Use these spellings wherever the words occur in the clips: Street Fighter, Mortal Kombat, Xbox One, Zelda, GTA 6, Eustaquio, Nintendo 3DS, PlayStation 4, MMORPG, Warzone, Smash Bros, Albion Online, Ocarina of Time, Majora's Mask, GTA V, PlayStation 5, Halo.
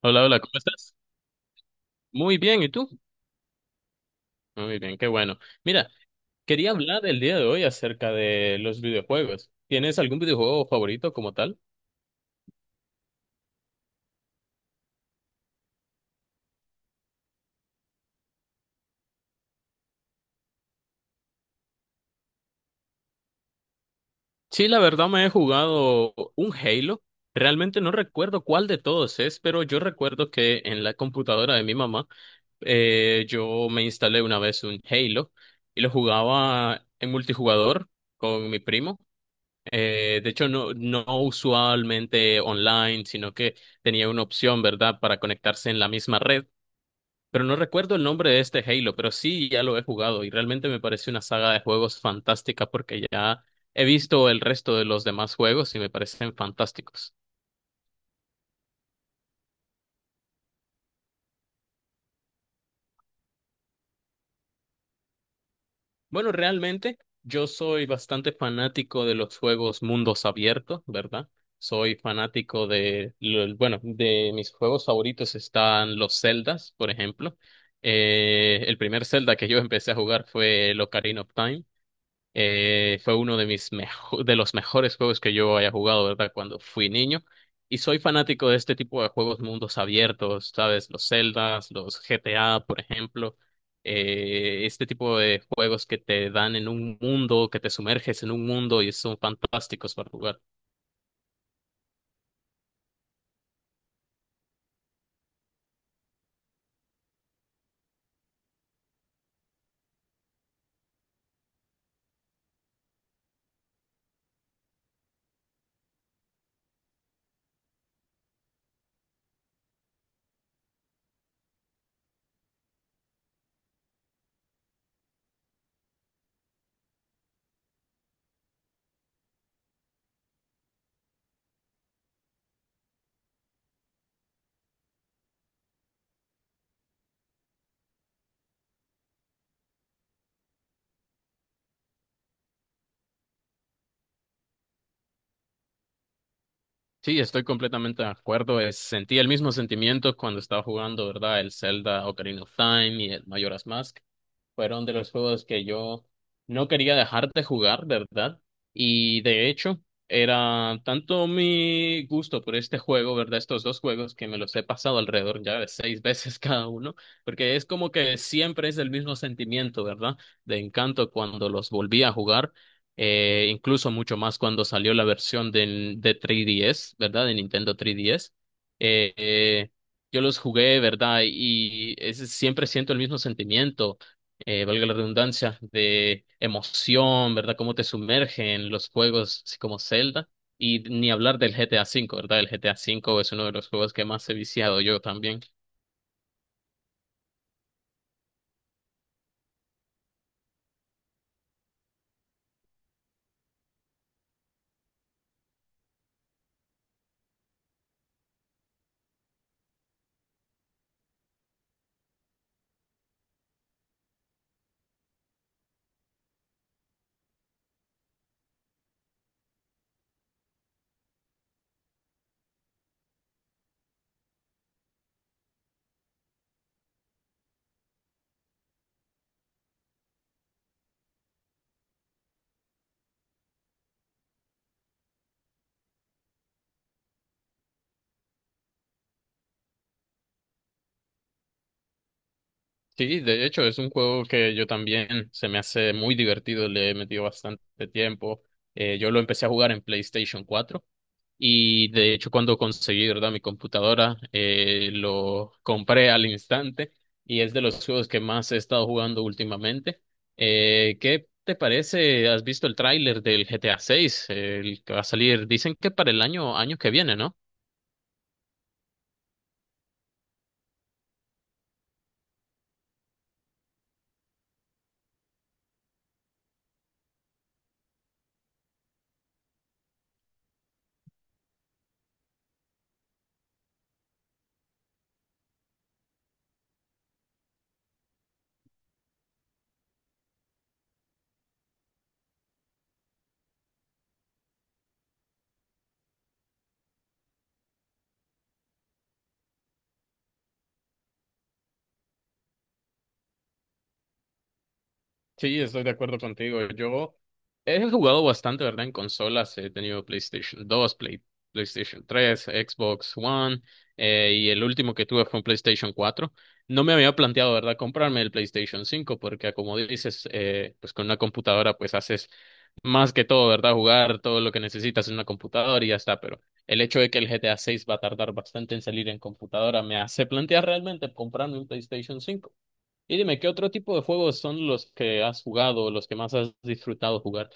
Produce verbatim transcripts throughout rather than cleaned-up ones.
Hola, hola, ¿cómo estás? Muy bien, ¿y tú? Muy bien, qué bueno. Mira, quería hablar el día de hoy acerca de los videojuegos. ¿Tienes algún videojuego favorito como tal? Sí, la verdad me he jugado un Halo. Realmente no recuerdo cuál de todos es, pero yo recuerdo que en la computadora de mi mamá eh, yo me instalé una vez un Halo y lo jugaba en multijugador con mi primo. Eh, de hecho, no, no usualmente online, sino que tenía una opción, ¿verdad?, para conectarse en la misma red. Pero no recuerdo el nombre de este Halo, pero sí ya lo he jugado y realmente me parece una saga de juegos fantástica porque ya he visto el resto de los demás juegos y me parecen fantásticos. Bueno, realmente yo soy bastante fanático de los juegos mundos abiertos, ¿verdad? Soy fanático de, lo- bueno, de mis juegos favoritos están los Zeldas, por ejemplo. Eh, el primer Zelda que yo empecé a jugar fue el Ocarina of Time. Eh, fue uno de mis mejo- de los mejores juegos que yo haya jugado, ¿verdad? Cuando fui niño. Y soy fanático de este tipo de juegos mundos abiertos, ¿sabes? Los Zeldas, los G T A, por ejemplo. Eh, este tipo de juegos que te dan en un mundo, que te sumerges en un mundo y son fantásticos para jugar. Sí, estoy completamente de acuerdo. Eh, Sentí el mismo sentimiento cuando estaba jugando, ¿verdad? El Zelda Ocarina of Time y el Majora's Mask. Fueron de los juegos que yo no quería dejar de jugar, de ¿verdad? Y de hecho, era tanto mi gusto por este juego, ¿verdad? Estos dos juegos que me los he pasado alrededor ya de seis veces cada uno, porque es como que siempre es el mismo sentimiento, ¿verdad? De encanto cuando los volví a jugar, eh, incluso mucho más cuando salió la versión del, de tres D S, ¿verdad? De Nintendo tres D S. eh, eh, yo los jugué, ¿verdad? Y es- siempre siento el mismo sentimiento eh, valga la redundancia, de emoción, ¿verdad? Cómo te sumergen los juegos así como Zelda. Y ni hablar del G T A V, ¿verdad? El G T A V es uno de los juegos que más he viciado yo también. Sí, de hecho, es un juego que yo también se me hace muy divertido, le he metido bastante tiempo. Eh, yo lo empecé a jugar en PlayStation cuatro. Y de hecho, cuando conseguí, ¿verdad? Mi computadora, eh, lo compré al instante y es de los juegos que más he estado jugando últimamente. Eh, ¿qué te parece? ¿Has visto el tráiler del G T A seis? El que va a salir, dicen que para el año, año que viene, ¿no? Sí, estoy de acuerdo contigo. Yo he jugado bastante, ¿verdad? En consolas. He tenido PlayStation dos, Play- PlayStation tres, Xbox One, eh, y el último que tuve fue un PlayStation cuatro. No me había planteado, ¿verdad?, comprarme el PlayStation cinco porque como dices, eh, pues con una computadora pues haces más que todo, ¿verdad? Jugar todo lo que necesitas en una computadora y ya está. Pero el hecho de que el G T A seis va a tardar bastante en salir en computadora me hace plantear realmente comprarme un PlayStation cinco. Y dime, ¿qué otro tipo de juegos son los que has jugado, los que más has disfrutado jugar?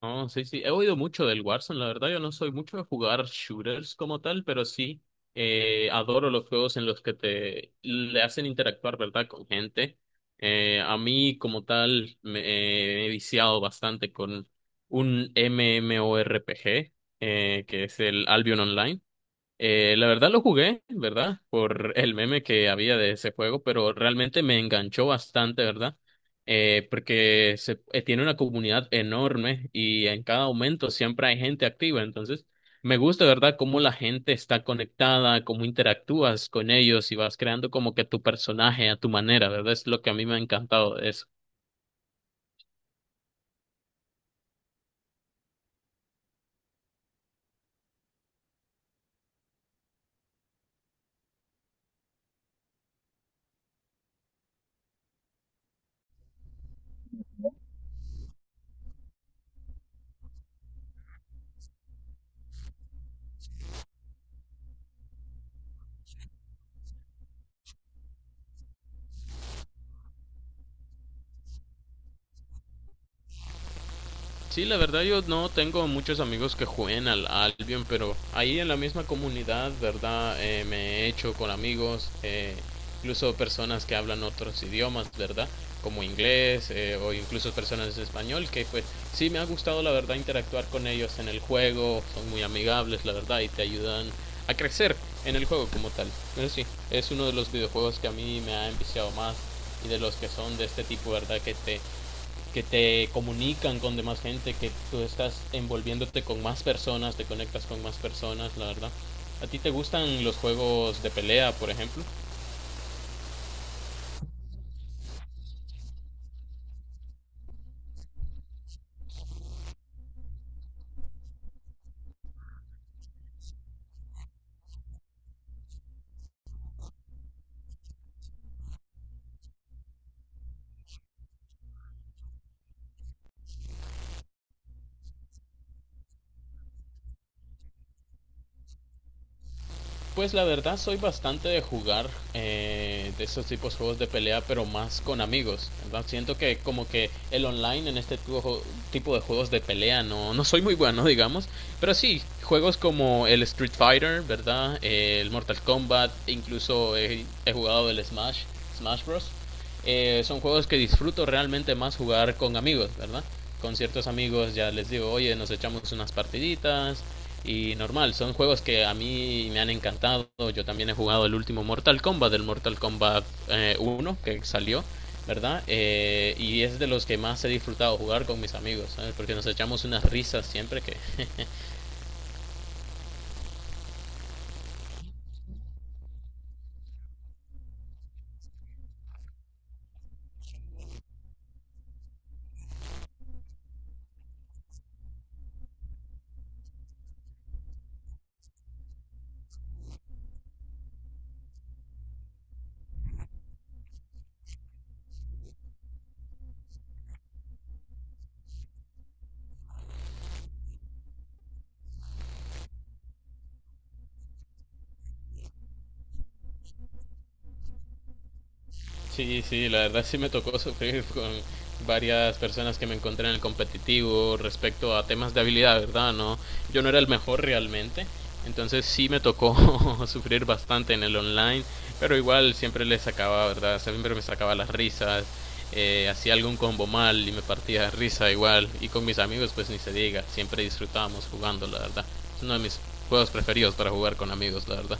oh sí, sí, he oído mucho del Warzone, la verdad yo no soy mucho de jugar shooters como tal, pero sí eh, adoro los juegos en los que te le hacen interactuar, ¿verdad?, con gente. Eh, a mí como tal me eh, he viciado bastante con un MMORPG, eh, que es el Albion Online. Eh, la verdad lo jugué, ¿verdad? Por el meme que había de ese juego, pero realmente me enganchó bastante, ¿verdad? Eh, porque se, eh, tiene una comunidad enorme y en cada momento siempre hay gente activa, entonces me gusta, ¿verdad? Cómo la gente está conectada, cómo interactúas con ellos y vas creando como que tu personaje a tu manera, ¿verdad? Es lo que a mí me ha encantado de eso. Sí, la verdad yo no tengo muchos amigos que jueguen al Albion, pero ahí en la misma comunidad, ¿verdad? Eh, me he hecho con amigos, eh, incluso personas que hablan otros idiomas, ¿verdad? Como inglés, eh, o incluso personas de español, que pues sí me ha gustado la verdad interactuar con ellos en el juego, son muy amigables, la verdad, y te ayudan a crecer en el juego como tal. Pero sí, es uno de los videojuegos que a mí me ha enviciado más y de los que son de este tipo, ¿verdad? Que te que te comunican con demás gente, que tú estás envolviéndote con más personas, te conectas con más personas, la verdad. ¿A ti te gustan los juegos de pelea, por ejemplo? Pues la verdad soy bastante de jugar, eh, de esos tipos de juegos de pelea, pero más con amigos. ¿Verdad? Siento que como que el online en este tujo- tipo de juegos de pelea no, no soy muy bueno, digamos. Pero sí, juegos como el Street Fighter, ¿verdad? Eh, el Mortal Kombat, incluso he, he jugado el Smash, Smash Bros. Eh, son juegos que disfruto realmente más jugar con amigos, ¿verdad? Con ciertos amigos ya les digo, oye, nos echamos unas partiditas, y normal, son juegos que a mí me han encantado. Yo también he jugado el último Mortal Kombat, del Mortal Kombat, eh, uno que salió, ¿verdad? Eh, y es de los que más he disfrutado jugar con mis amigos, ¿sabes? Porque nos echamos unas risas siempre que. Sí, sí, la verdad sí me tocó sufrir con varias personas que me encontré en el competitivo respecto a temas de habilidad, ¿verdad? No, yo no era el mejor realmente, entonces sí me tocó sufrir bastante en el online, pero igual siempre le sacaba, ¿verdad? Siempre me sacaba las risas, eh, hacía algún combo mal y me partía de risa igual, y con mis amigos pues ni se diga, siempre disfrutábamos jugando, la verdad. Es uno de mis juegos preferidos para jugar con amigos, la verdad.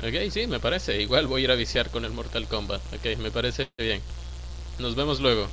Ok, sí, me parece. Igual voy a ir a viciar con el Mortal Kombat. Ok, me parece bien. Nos vemos luego.